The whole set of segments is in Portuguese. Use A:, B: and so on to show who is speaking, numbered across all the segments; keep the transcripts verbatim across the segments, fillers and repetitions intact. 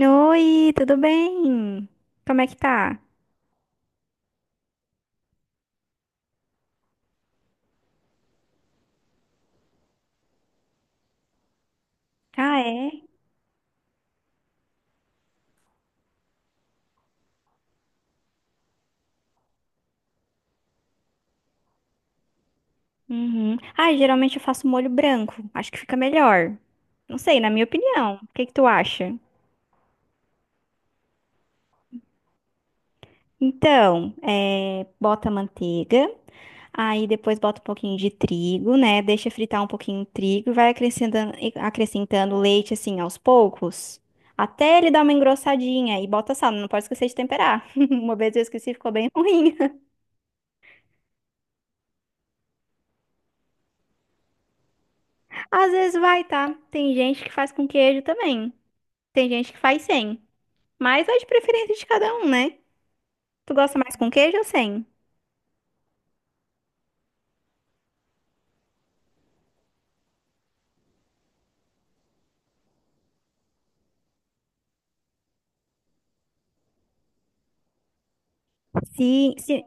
A: Oi, tudo bem? Como é que tá? Ah, é? Uhum. Ah, geralmente eu faço molho branco. Acho que fica melhor. Não sei, na minha opinião. O que que tu acha? Então, é, bota a manteiga, aí depois bota um pouquinho de trigo, né? Deixa fritar um pouquinho o trigo e vai acrescentando, e acrescentando leite assim aos poucos, até ele dar uma engrossadinha e bota sal. Não pode esquecer de temperar. Uma vez eu esqueci, ficou bem ruim. Às vezes vai, tá? Tem gente que faz com queijo também. Tem gente que faz sem. Mas é de preferência de cada um, né? Tu gosta mais com queijo ou sem? Sim, sim,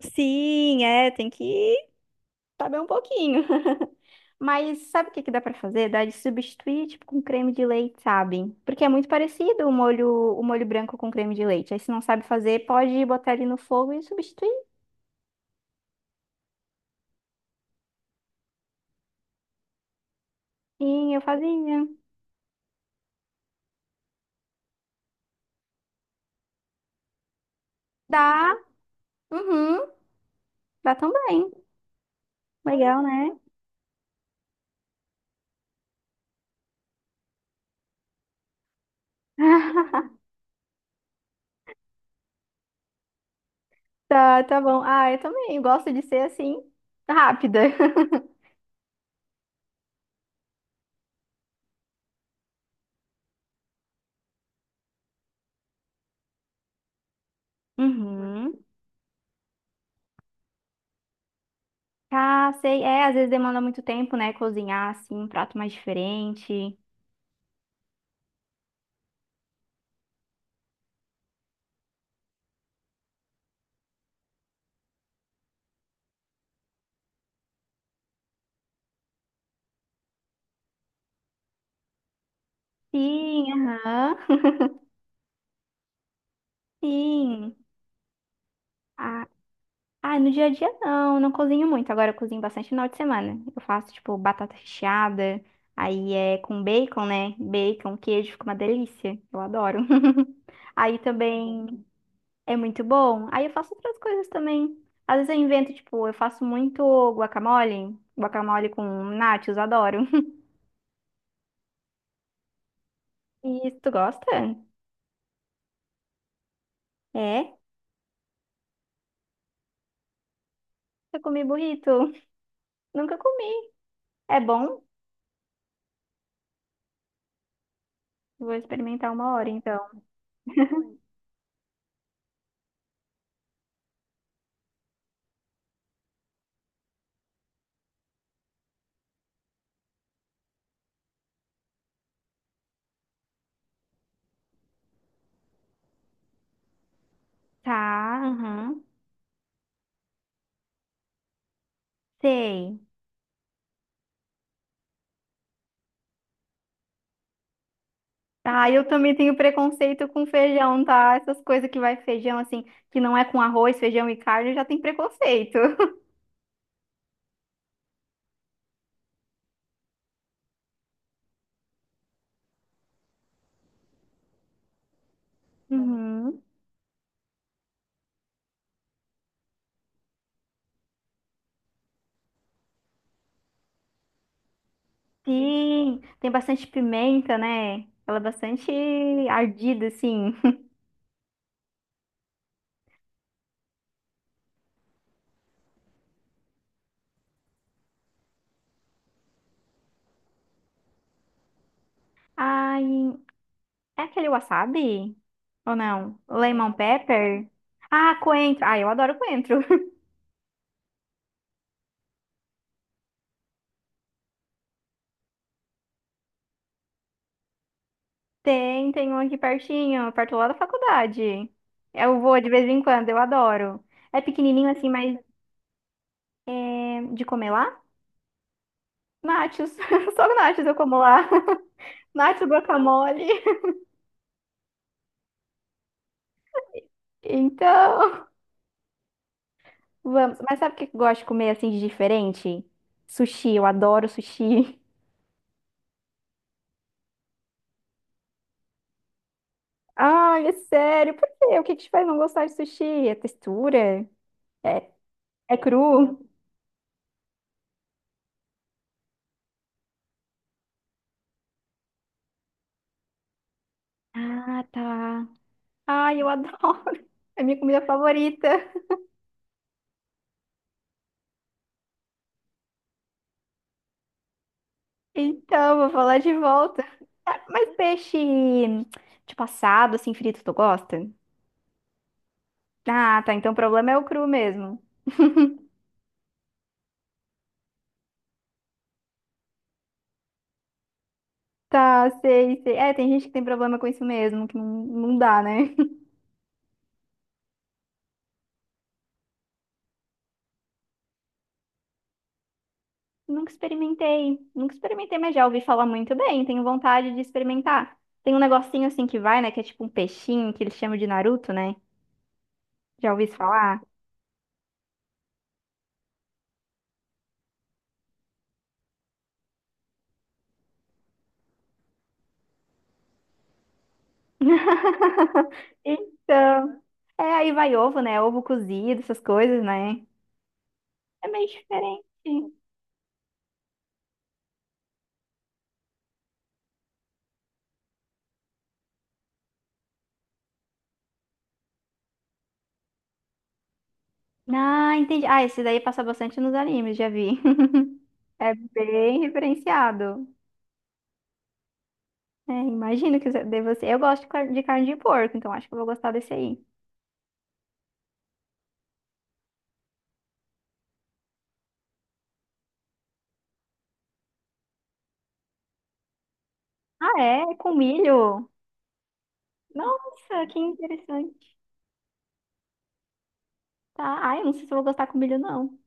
A: sim, é, tem que saber um pouquinho. Mas sabe o que que dá pra fazer? Dá de substituir, tipo, com creme de leite, sabe? Porque é muito parecido o molho, o molho branco com creme de leite. Aí se não sabe fazer, pode botar ele no fogo e substituir. Sim, eu fazia. Dá, uhum, dá também. Legal, né? Tá, tá bom. Ah, eu também gosto de ser assim, rápida. Uhum. Ah, sei. É, às vezes demanda muito tempo, né? Cozinhar, assim, um prato mais diferente. Sim, aham. Sim. Ah, ah, no dia a dia não, não cozinho muito. Agora eu cozinho bastante no final de semana. Eu faço, tipo, batata recheada. Aí é com bacon, né? Bacon, queijo, fica uma delícia. Eu adoro. Aí também. É muito bom. Aí eu faço outras coisas também. Às vezes eu invento, tipo, eu faço muito guacamole, guacamole com nachos, adoro. E tu gosta? É? Eu comi burrito. Nunca comi. É bom? Vou experimentar uma hora então. Tá, aham. Sei. Ah, eu também tenho preconceito com feijão, tá? Essas coisas que vai feijão, assim, que não é com arroz, feijão e carne, eu já tenho preconceito. Uhum. Sim, tem bastante pimenta, né? Ela é bastante ardida, assim. Ai, é aquele wasabi? Ou não? Lemon pepper? Ah, coentro. Ah, eu adoro coentro. Tem, tem um aqui pertinho, perto lá da faculdade. Eu vou de vez em quando, eu adoro. É pequenininho assim, mas é de comer lá? Nachos. Só nachos eu como lá. Nachos, guacamole. Então. Vamos. Mas sabe o que eu gosto de comer assim de diferente? Sushi, eu adoro sushi. Ai, é sério, por quê? O que que te faz não gostar de sushi? É textura? É, é cru? Ah, tá. Ai, eu adoro. É minha comida favorita. Então, vou falar de volta. Ah, mas peixe, tipo assado, assim, frito, tu gosta? Ah, tá. Então o problema é o cru mesmo. Tá, sei, sei. É, tem gente que tem problema com isso mesmo, que não, não dá, né? Nunca experimentei, nunca experimentei, mas já ouvi falar muito bem, tenho vontade de experimentar. Tem um negocinho assim que vai, né, que é tipo um peixinho, que eles chamam de Naruto, né? Já ouvi isso falar? Então, é, aí vai ovo, né? Ovo cozido, essas coisas, né? É meio diferente. Ah, entendi. Ah, esse daí passa bastante nos animes, já vi. É bem referenciado. É, imagino que deve ser. Eu gosto de car- de carne de porco, então acho que eu vou gostar desse aí. Ah, é? É com milho? Nossa, que interessante. Tá. Ai, eu não sei se eu vou gostar com milho, não.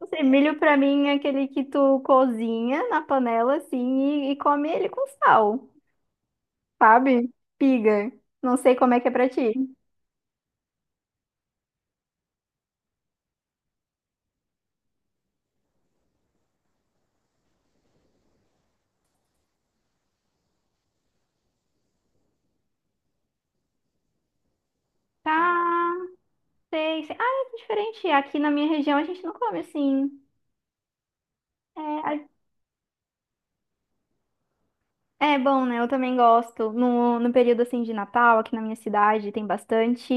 A: Não sei, milho pra mim é aquele que tu cozinha na panela, assim, e, e come ele com sal, sabe? Piga. Não sei como é que é pra ti. Tá, sei, sei. Ah, é diferente. Aqui na minha região a gente não come assim. É a É bom, né? Eu também gosto. No, no período assim de Natal, aqui na minha cidade, tem bastante,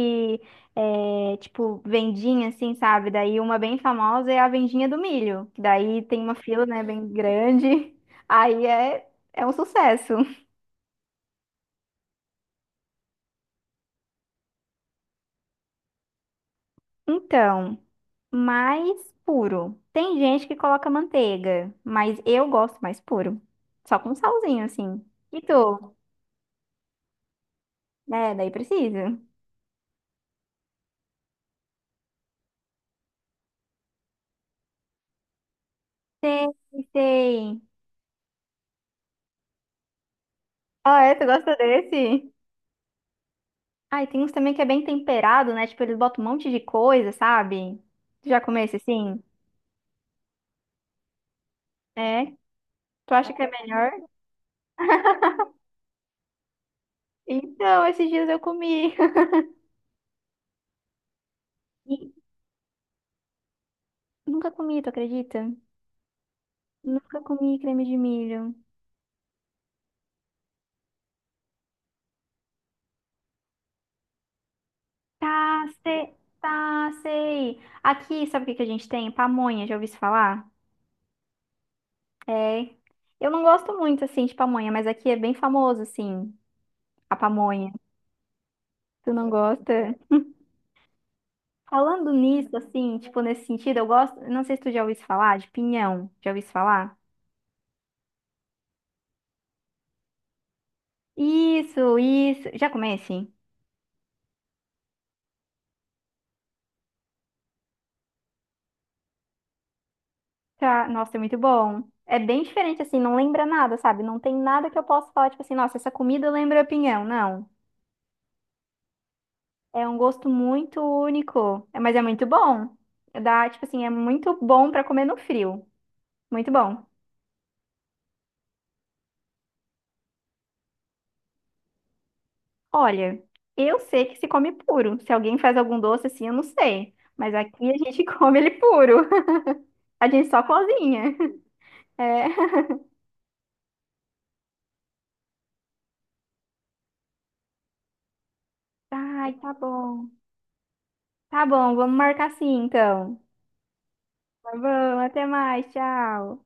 A: é, tipo, vendinha, assim, sabe? Daí uma bem famosa é a vendinha do milho. Que Daí tem uma fila, né, bem grande. Aí é, é um sucesso. Então, mais puro. Tem gente que coloca manteiga, mas eu gosto mais puro. Só com salzinho, assim. E tu? É, daí precisa. Sei, sei. Ah, é? Tu gosta desse? Ah, e tem uns também que é bem temperado, né? Tipo, eles botam um monte de coisa, sabe? Tu já comeu esse assim? É? Tu acha que é melhor? Então, esses dias eu comi. E nunca comi, tu acredita? Nunca comi creme de milho. Tá, sei. Tá, sei. Aqui, sabe o que que a gente tem? Pamonha, já ouvi isso falar? É. Eu não gosto muito, assim, de pamonha, mas aqui é bem famoso, assim, a pamonha. Tu não gosta? Falando nisso, assim, tipo, nesse sentido, eu gosto. Não sei se tu já ouviu falar de pinhão. Já ouviu falar? Isso, isso. Já comece? Tá, nossa, é muito bom. É bem diferente, assim, não lembra nada, sabe? Não tem nada que eu possa falar, tipo assim, nossa, essa comida lembra pinhão. Não. É um gosto muito único, é, mas é muito bom. Dá, tipo assim, é muito bom pra comer no frio. Muito bom. Olha, eu sei que se come puro. Se alguém faz algum doce assim, eu não sei. Mas aqui a gente come ele puro. A gente só cozinha. É. Ai, tá bom. Tá bom, vamos marcar assim, então. Tá bom, até mais, tchau.